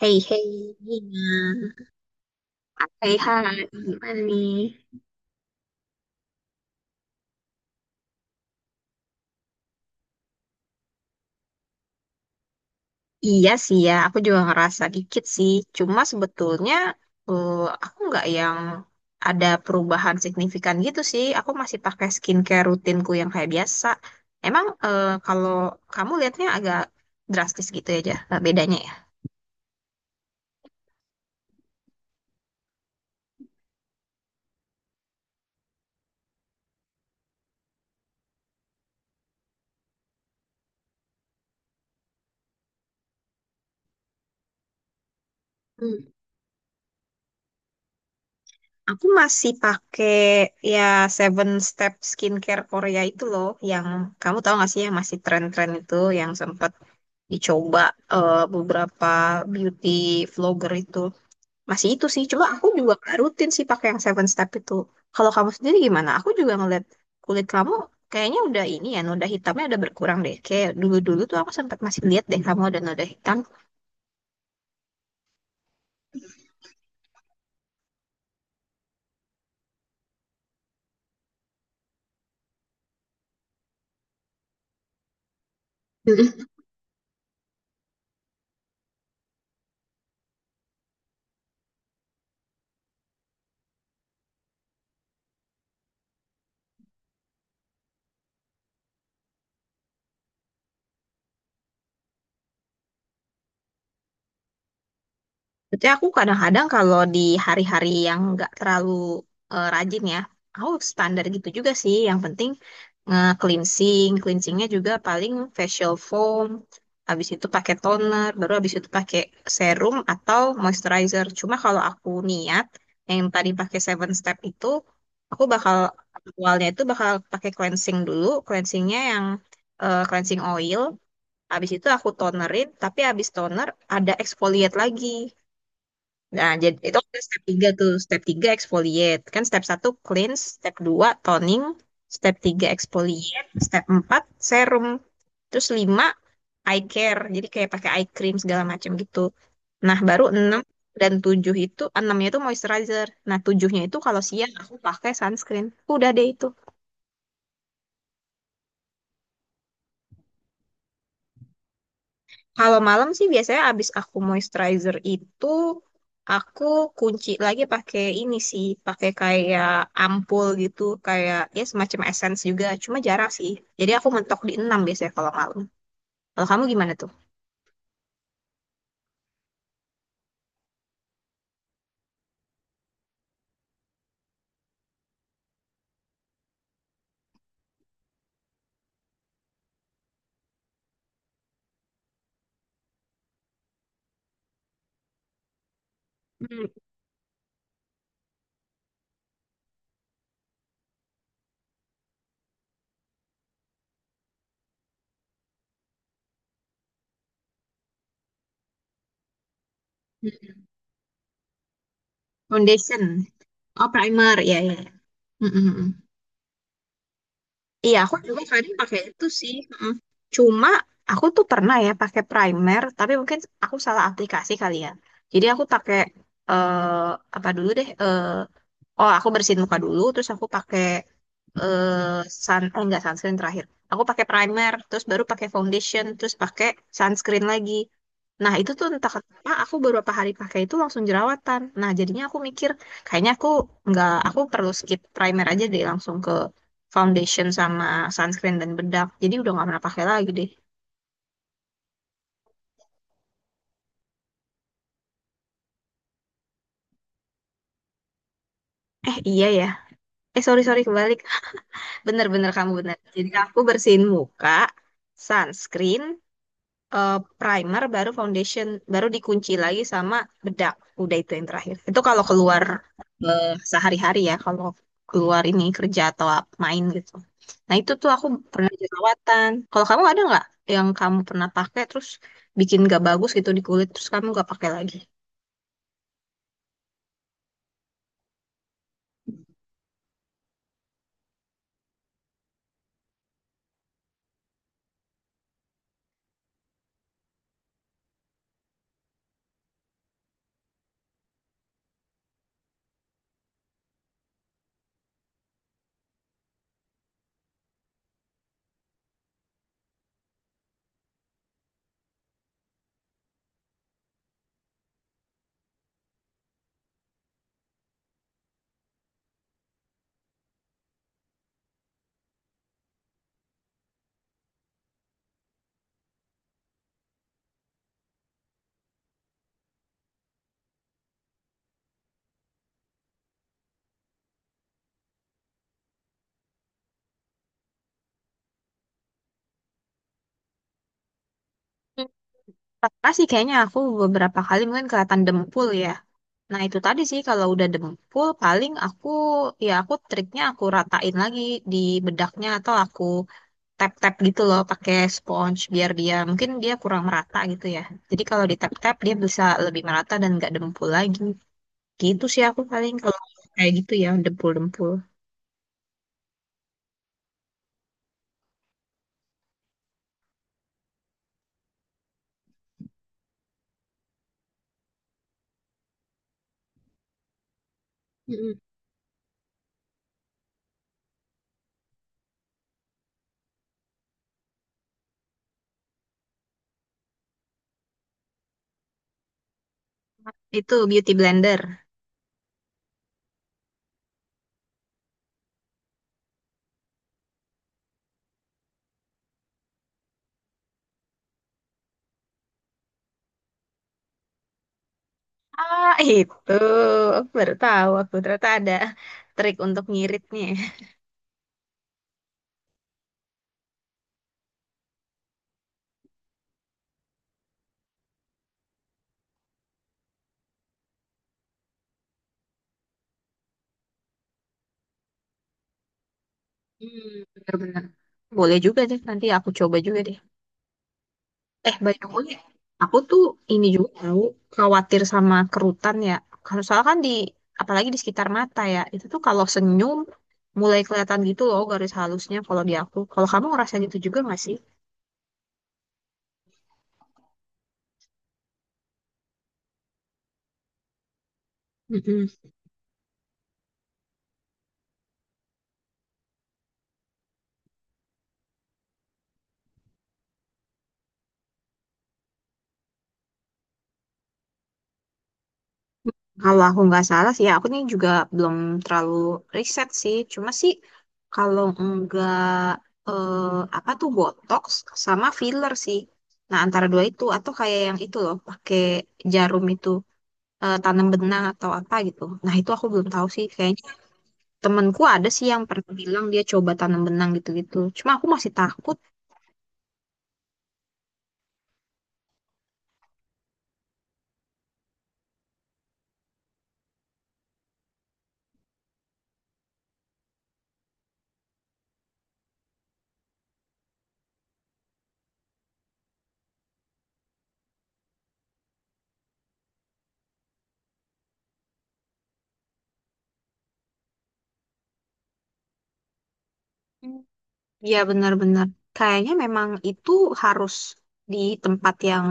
Hei, hei, Gina. Hei, hai, gimana nih? Iya sih ya, aku juga ngerasa dikit sih. Cuma sebetulnya eh, aku nggak yang ada perubahan signifikan gitu sih. Aku masih pakai skincare rutinku yang kayak biasa. Emang kalau kamu lihatnya agak drastis gitu ya, Jah, bedanya ya? Hmm. Aku masih pakai ya Seven Step Skincare Korea itu loh, yang kamu tahu gak sih yang masih tren-tren itu, yang sempat dicoba beberapa beauty vlogger itu. Masih itu sih, cuma aku juga nggak rutin sih pakai yang seven step itu. Kalau kamu sendiri gimana? Aku juga ngeliat kulit kamu kayaknya udah ini ya, noda hitamnya udah berkurang deh. Kayak dulu-dulu tuh aku sempat masih lihat deh kamu ada noda hitam. Jadi aku kadang-kadang kalau di hari-hari yang nggak terlalu rajin ya, aku standar gitu juga sih. Yang penting nge-cleansing, cleansingnya juga paling facial foam, habis itu pakai toner, baru habis itu pakai serum atau moisturizer. Cuma kalau aku niat yang tadi pakai seven step itu, aku bakal awalnya itu bakal pakai cleansing dulu, cleansingnya yang cleansing oil. Habis itu aku tonerin, tapi habis toner ada exfoliate lagi. Nah, jadi itu ada step 3 tuh. Step 3 exfoliate. Kan step satu cleanse, step 2 toning, step 3 exfoliate, step 4 serum. Terus 5 eye care. Jadi kayak pakai eye cream segala macam gitu. Nah, baru 6 dan 7 itu, enamnya nya itu moisturizer. Nah, tujuhnya itu kalau siang aku pakai sunscreen. Udah deh itu. Kalau malam sih biasanya abis aku moisturizer itu aku kunci lagi pakai ini sih, pakai kayak ampul gitu, kayak ya semacam essence juga, cuma jarang sih. Jadi aku mentok di 6 biasanya kalau malam. Kalau kamu gimana tuh? Hmm, mm. Foundation. Oh, primer. Ya, ya. Mm, mm, mm. Iya, aku juga kadang pakai itu sih. Mm. Cuma aku tuh pernah ya pakai primer, tapi mungkin aku salah aplikasi kali ya. Jadi aku pakai eh apa dulu deh? Oh, aku bersihin muka dulu, terus aku pakai eh sun, eh enggak sunscreen terakhir. Aku pakai primer, terus baru pakai foundation, terus pakai sunscreen lagi. Nah, itu tuh entah kenapa aku beberapa hari pakai itu langsung jerawatan. Nah, jadinya aku mikir, kayaknya aku nggak, aku perlu skip primer aja deh langsung ke foundation sama sunscreen dan bedak. Jadi udah nggak pernah pakai lagi deh. Eh, iya ya. Eh, sorry, sorry, kebalik. Bener-bener kamu bener. Jadi aku bersihin muka, sunscreen, eh, primer, baru foundation, baru dikunci lagi sama bedak. Udah itu yang terakhir. Itu kalau keluar eh, sehari-hari ya, kalau keluar ini kerja atau main gitu. Nah itu tuh aku pernah jerawatan. Kalau kamu ada nggak yang kamu pernah pakai terus bikin gak bagus gitu di kulit terus kamu gak pakai lagi? Hmm, pernah sih kayaknya aku beberapa kali mungkin kelihatan dempul ya. Nah itu tadi sih kalau udah dempul paling aku ya aku triknya aku ratain lagi di bedaknya atau aku tap-tap gitu loh pakai sponge biar dia mungkin dia kurang merata gitu ya. Jadi kalau di tap-tap dia bisa lebih merata dan nggak dempul lagi. Gitu sih aku paling kalau kayak gitu ya dempul-dempul. Mm-mm. Itu beauty blender. Ah itu aku baru tahu aku ternyata ada trik untuk ngiritnya. Hmm, bener-bener. Boleh juga deh nanti aku coba juga deh. Eh, by the way, aku tuh ini juga tahu khawatir sama kerutan ya. Kalau soalnya kan di, apalagi di sekitar mata ya, itu tuh kalau senyum mulai kelihatan gitu loh garis halusnya kalau di aku. Kalau kamu ngerasa gitu juga nggak sih? Mm-mm. Kalau aku nggak salah sih, ya aku nih juga belum terlalu riset sih. Cuma sih kalau nggak eh, apa tuh botox sama filler sih. Nah antara dua itu atau kayak yang itu loh pakai jarum itu. Tanam benang atau apa gitu. Nah, itu aku belum tahu sih. Kayaknya temenku ada sih yang pernah bilang dia coba tanam benang gitu-gitu. Cuma aku masih takut. Hmm. Ya, benar-benar. Kayaknya memang itu harus di tempat yang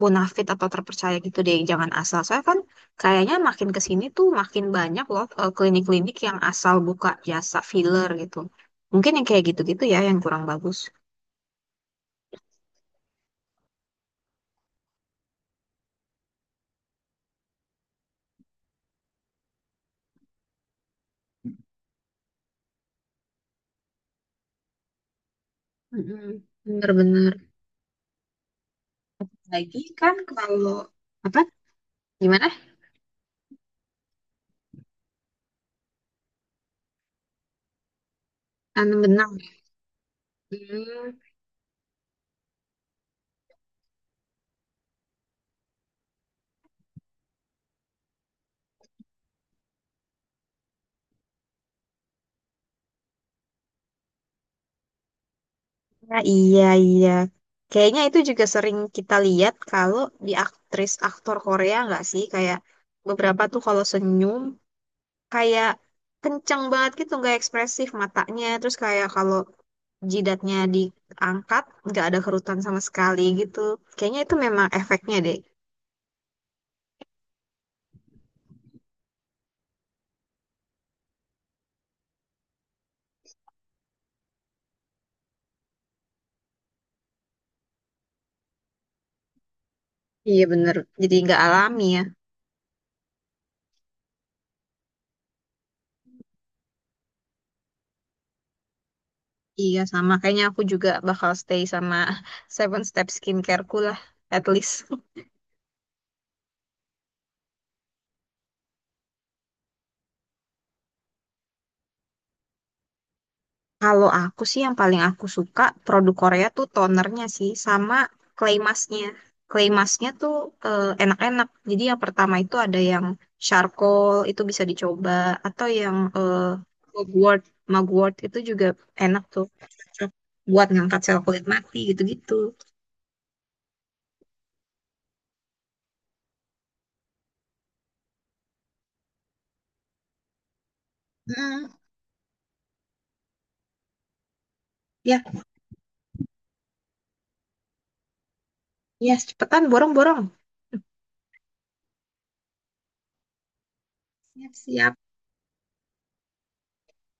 bonafit atau terpercaya gitu deh. Jangan asal. Soalnya kan kayaknya makin ke sini tuh makin banyak loh klinik-klinik yang asal buka jasa filler gitu. Mungkin yang kayak gitu-gitu ya yang kurang bagus. Mm-mm. Bener-bener. Lagi kan kalau apa gimana? Tanam benang. Hmm, nah, iya, iya. Kayaknya itu juga sering kita lihat kalau di aktris-aktor Korea nggak sih? Kayak beberapa tuh kalau senyum kayak kenceng banget gitu, nggak ekspresif matanya. Terus kayak kalau jidatnya diangkat nggak ada kerutan sama sekali gitu. Kayaknya itu memang efeknya deh. Iya bener, jadi nggak alami ya. Iya sama, kayaknya aku juga bakal stay sama Seven Step Skincare-ku lah, at least. Kalau aku sih yang paling aku suka produk Korea tuh tonernya sih sama clay masknya. Clay masknya tuh enak-enak. Jadi yang pertama itu ada yang charcoal itu bisa dicoba atau yang mugwort. Mugwort itu juga enak tuh. Cocok buat ngangkat sel kulit mati gitu-gitu. Hmm, ya, ya cepetan borong-borong. Siap-siap.